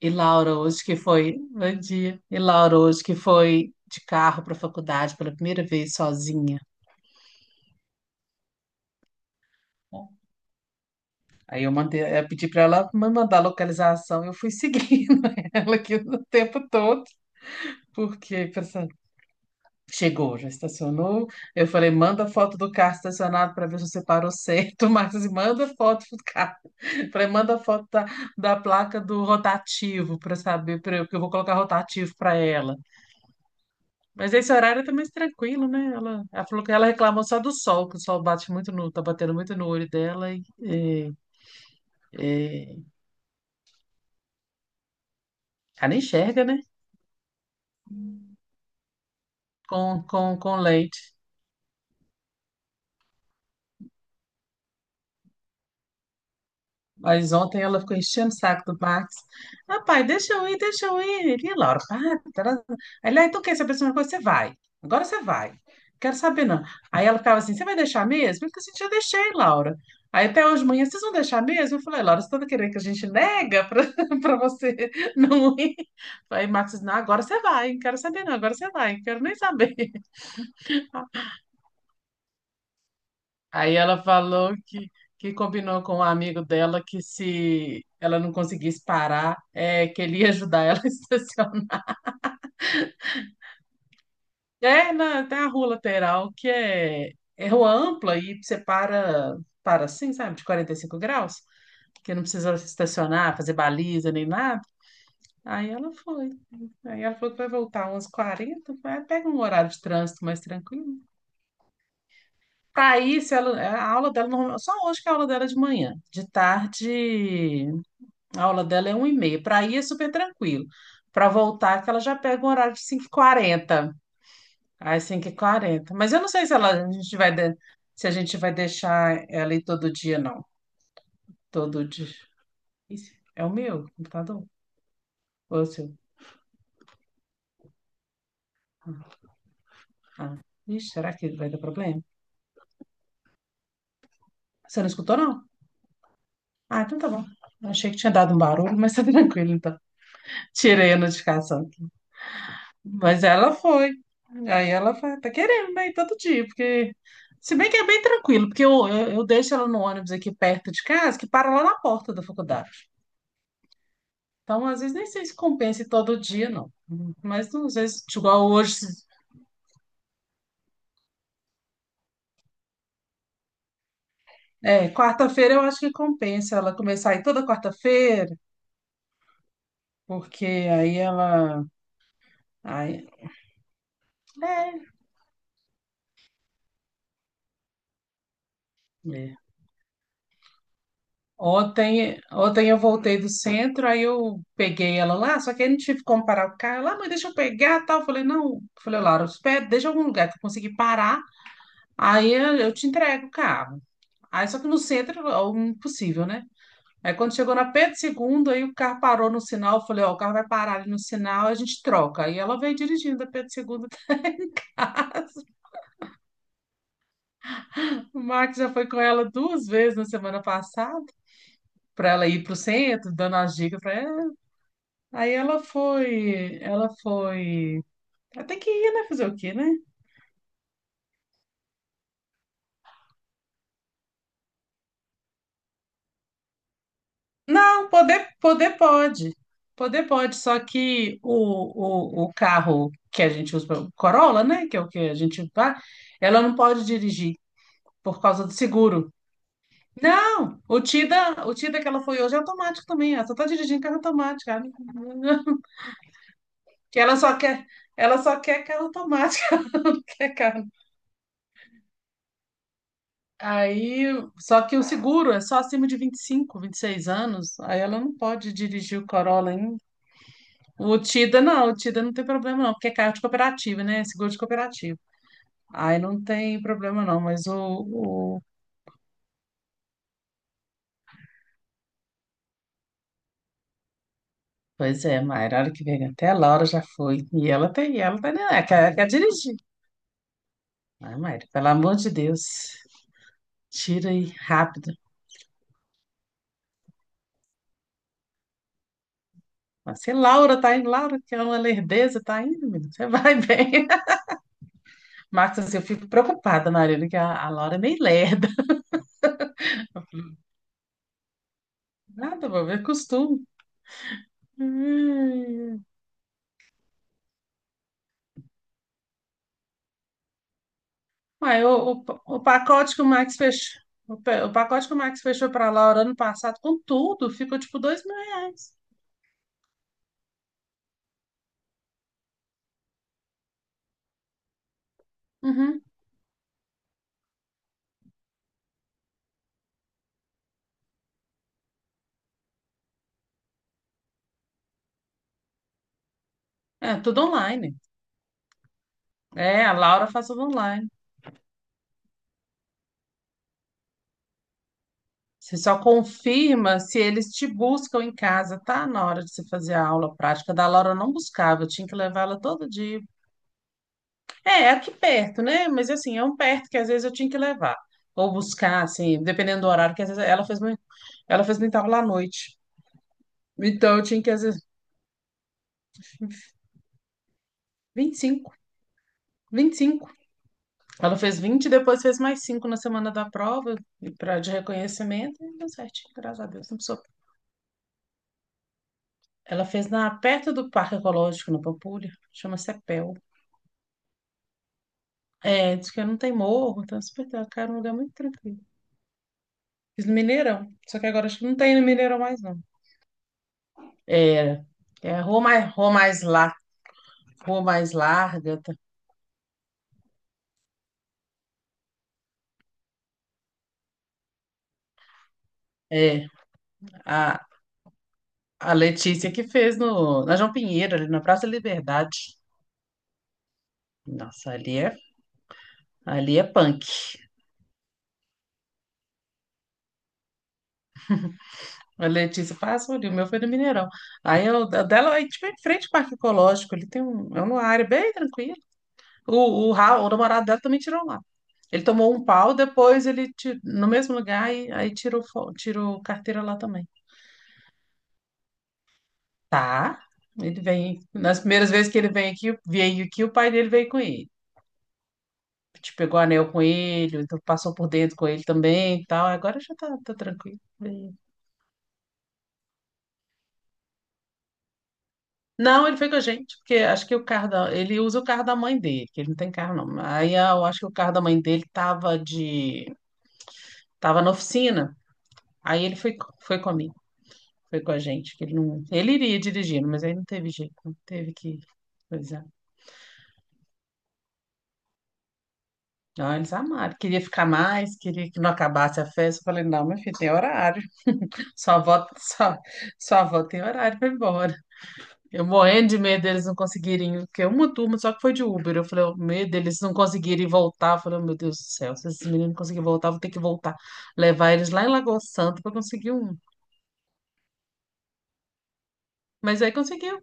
E Laura hoje que foi, bom dia. E Laura hoje que foi de carro para a faculdade pela primeira vez sozinha, né? Aí eu mandei, eu pedi para ela me mandar a localização. Eu fui seguindo ela aqui o tempo todo, porque pensando, chegou, já estacionou. Eu falei, manda foto do carro estacionado para ver se você parou certo. O Marcos, manda foto do carro. Eu falei, manda foto da placa do rotativo para saber, que eu vou colocar rotativo para ela. Mas esse horário é mais tranquilo, né? Ela falou que ela reclamou só do sol, que o sol bate muito no, tá batendo muito no olho dela e ela nem enxerga, né? Com lente. Mas ontem ela ficou enchendo o saco do Max. Ah, pai, deixa eu ir, deixa eu ir. Ele, "Ih, Laura, para, tará." Aí ele, ah, então quer saber se uma coisa? Você vai. Agora você vai. Quero saber, não. Aí ela ficava assim, você vai deixar mesmo? Eu falei assim, já deixei, Laura. Aí até hoje de manhã, vocês vão deixar mesmo? Eu falei, Laura, você tá querendo que a gente nega para pra você não ir? Aí Max disse, não, agora você vai. Não quero saber, não. Agora você vai. Não quero nem saber. Aí ela falou que, combinou com um amigo dela que se ela não conseguisse parar, que ele ia ajudar ela a estacionar. É, na, tem a rua lateral que é rua ampla e você para assim, sabe, de 45 graus, que não precisa estacionar, fazer baliza nem nada. Aí ela foi. Aí ela falou que vai voltar umas 40. Vai pega um horário de trânsito mais tranquilo. Para isso, ela, a aula dela, só hoje que é a aula dela é de manhã. De tarde. A aula dela é 1 e meia. Para ir é super tranquilo. Para voltar, que ela já pega um horário de cinco h 40. Às 5h40. Mas eu não sei se ela, a gente vai, se a gente vai deixar ela ir todo dia, não. Todo dia. Isso é o meu computador? Ou é o seu? Ah, ixi, será que vai dar problema? Você não escutou, não? Ah, então tá bom. Achei que tinha dado um barulho, mas tá tranquilo, então. Tirei a notificação. Mas ela foi. Aí ela tá querendo, né? Ir todo dia, porque. Se bem que é bem tranquilo, porque eu deixo ela no ônibus aqui perto de casa, que para lá na porta da faculdade. Então, às vezes, nem sei se compensa ir todo dia, não. Mas, às vezes, igual hoje, quarta-feira eu acho que compensa ela começar a ir toda quarta-feira, porque aí ela. Aí, é, é. Ontem eu voltei do centro, aí eu peguei ela lá, só que aí não tive como parar o carro. Lá, mãe, deixa eu pegar, tal. Eu falei, não. Eu falei, Laura, espera, deixa em algum lugar que eu consegui parar, aí eu te entrego o carro. Aí só que no centro é o impossível, né? Aí quando chegou na Pedro Segundo, aí o carro parou no sinal, eu falei, ó, o carro vai parar ali no sinal, a gente troca. Aí ela veio dirigindo a Pedro Segundo. O Max já foi com ela duas vezes na semana passada, para ela ir para o centro, dando as dicas para. Aí ela foi, ela foi. Ela tem que ir, né? Fazer o quê, né? Não, poder, poder pode. Poder pode, só que o carro que a gente usa, o Corolla, né? Que é o que a gente vai, ela não pode dirigir por causa do seguro. Não, o Tida que ela foi hoje é automático também. Ela só tá dirigindo carro automático. Ela não- Que ela só quer carro automático, ela não quer carro. Aí, só que o seguro é só acima de vinte, vinte e cinco, vinte e seis anos, aí ela não pode dirigir o Corolla ainda. O Tida não tem problema não, porque é carro de cooperativa, né? É seguro de cooperativa. Aí não tem problema não, mas o- pois é, Mayra, a hora que vem até a Laura já foi. E ela tem, e ela tá nem quer dirigir. Ah, Mayra, pelo amor de Deus, tira aí rápido. Mas se Laura tá indo, Laura, que é uma lerdeza, tá indo, menino, você vai bem. Marcos, assim, eu fico preocupada, Marina, que a Laura é meio lerda. Nada, vou ver costume. Hum. Uai, o pacote que o Max fechou, o pacote que o Max fechou para Laura ano passado, com tudo, ficou tipo R$ 2.000. Uhum. É, tudo online. É, a Laura faz tudo online. Você só confirma se eles te buscam em casa, tá? Na hora de você fazer a aula prática da Laura, eu não buscava, eu tinha que levar ela todo dia. É, é aqui perto, né? Mas assim, é um perto que às vezes eu tinha que levar. Ou buscar, assim, dependendo do horário, que às vezes ela fez muita aula à noite. Então eu tinha que, às vezes, 25. 25. Ela fez 20, e depois fez mais 5 na semana da prova, e de reconhecimento, e deu certinho, graças a Deus, não precisou. Ela fez perto do Parque Ecológico, na Pampulha, chama Cepel. É, diz que não tem morro, então é super tranquilo, cara, é um lugar muito tranquilo. Fiz no Mineirão, só que agora acho que não tem no Mineirão mais, não. É, é a rua mais larga, tá? é, a, a Letícia que fez no, na João Pinheiro, ali na Praça da Liberdade. Nossa, ali é. Ali é punk. A Letícia passa ali, o meu foi no Mineirão. Aí eu, a dela, aí, tipo, em frente ao Parque Ecológico, ali tem um, é uma área bem tranquila. O namorado dela também tirou lá. Ele tomou um pau, depois ele, no mesmo lugar, e, aí tirou, tirou carteira lá também. Tá? Ele vem, nas primeiras vezes que ele vem aqui, veio aqui, o pai dele veio com ele. Te pegou anel com ele, então passou por dentro com ele também e tal. Agora já tá tranquilo. Não, ele foi com a gente, porque acho que ele usa o carro da mãe dele, que ele não tem carro não. Eu acho que o carro da mãe dele tava na oficina. Aí ele foi, foi comigo, foi com a gente, que ele não, ele iria dirigindo, mas aí não teve jeito, não teve que, pois é. Não, eles amaram, queria ficar mais, queria que não acabasse a festa. Eu falei, não, meu filho, tem horário. Sua avó, sua avó tem horário para ir embora. Eu morrendo de medo deles não conseguirem, porque uma turma só que foi de Uber. Eu falei, o medo deles não conseguirem voltar. Eu falei, "Oh, meu Deus do céu, se esses meninos não conseguirem voltar, eu vou ter que voltar. Levar eles lá em Lagoa Santa pra conseguir um." Mas aí conseguiu,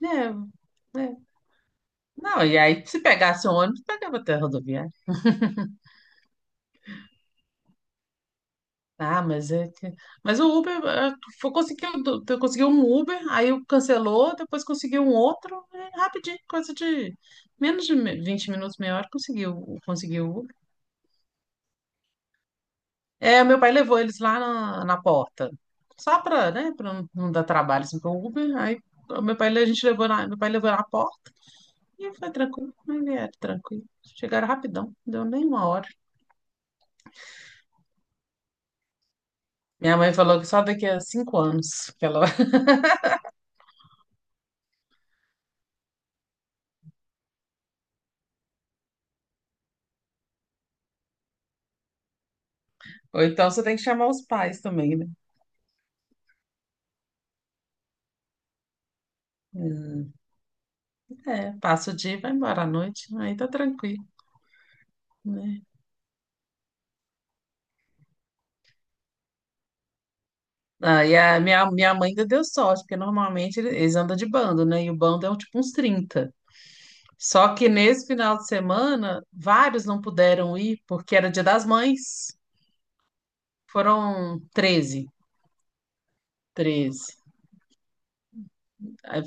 né? Né. Não, e aí se pegasse um ônibus, pegava até a rodoviária. Ah, mas é que... Mas o Uber, conseguiu, eu consegui um Uber, aí eu cancelou, depois conseguiu um outro, rapidinho, coisa de menos de 20 minutos, meia hora, conseguiu, conseguiu. É, meu pai levou eles lá na porta, só para, né, para não dar trabalho assim para o Uber. Aí o meu pai, a gente levou na, meu pai levou na porta e foi tranquilo, aí vieram tranquilo. Chegaram rapidão, não deu nem uma hora. Minha mãe falou que só daqui a 5 anos que ela... vai. Ou então você tem que chamar os pais também, né? Hum, é, passa o dia e vai embora à noite, aí tá tranquilo, né? Ah, e a minha mãe ainda deu sorte, porque normalmente eles andam de bando, né? E o bando é um, tipo uns 30. Só que nesse final de semana, vários não puderam ir porque era Dia das Mães. Foram 13, 13. Aí,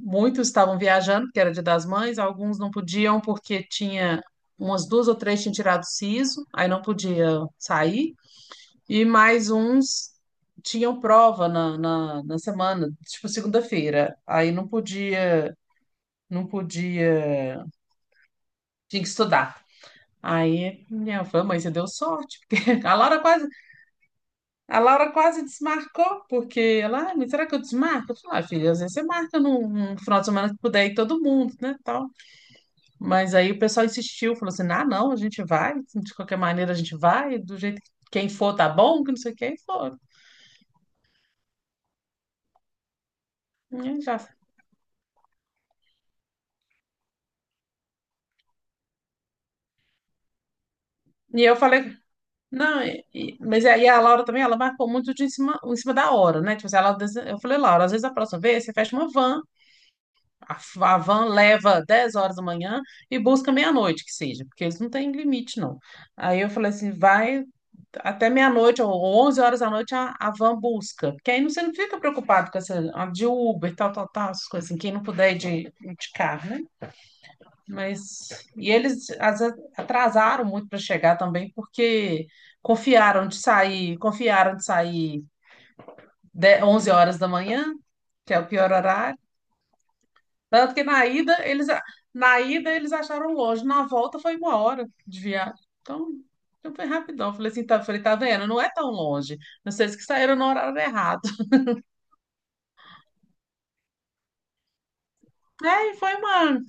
muitos estavam viajando porque era Dia das Mães, alguns não podiam porque tinha umas duas ou três tinham tirado siso, aí não podia sair. E mais uns tinham prova na semana, tipo segunda-feira. Aí não podia, não podia, tinha que estudar. Aí minha fã, mãe, você deu sorte, porque a Laura quase. A Laura quase desmarcou, porque ela, ah, mas será que eu desmarco? Eu falei, ah, filha, às vezes você marca num, final de semana que puder ir todo mundo, né, tal. Mas aí o pessoal insistiu, falou assim, ah, não, a gente vai, de qualquer maneira a gente vai, do jeito que quem for tá bom, que não sei o que, e foram. E, já... e eu falei, não, mas aí a Laura também, ela marcou muito de em cima da hora, né, tipo assim, ela, eu falei, Laura, às vezes a próxima vez você fecha uma van. A, a van leva 10h da manhã e busca meia-noite, que seja, porque eles não têm limite, não. Aí eu falei assim, vai até meia-noite ou 23h a van busca, porque aí você não fica preocupado com essa a de Uber, tal, tal, tal, essas coisas assim, quem não puder ir de carro, né? Mas, e eles às vezes, atrasaram muito para chegar também, porque confiaram de sair 11h da manhã, que é o pior horário. Tanto que na ida eles, acharam longe, na volta foi uma hora de viagem. Então, foi rapidão. Falei assim, tá, falei, tá vendo? Não é tão longe. Vocês que saíram no horário errado. É, e foi uma.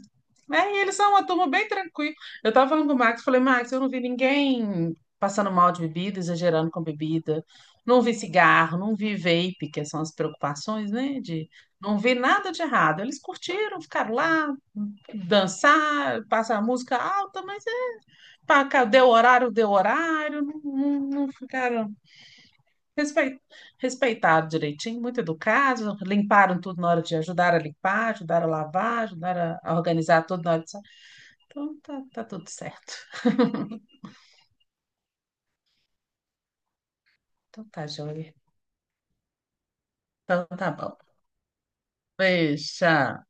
É, e eles são uma turma bem tranquila. Eu tava falando com o Max, falei, Max, eu não vi ninguém passando mal de bebida, exagerando com bebida. Não vi cigarro, não vi vape, que são as preocupações, né? De não vi nada de errado. Eles curtiram, ficaram lá, dançar, passar música alta, mas pá, cá, deu horário, não, não, não ficaram respeit, respeitaram direitinho, muito educados, limparam tudo na hora de ajudar a limpar, ajudaram a lavar, ajudaram a organizar tudo na hora de sair. Então tá, tá tudo certo. Então tá, joia. Então tá bom. Beijo. Tchau.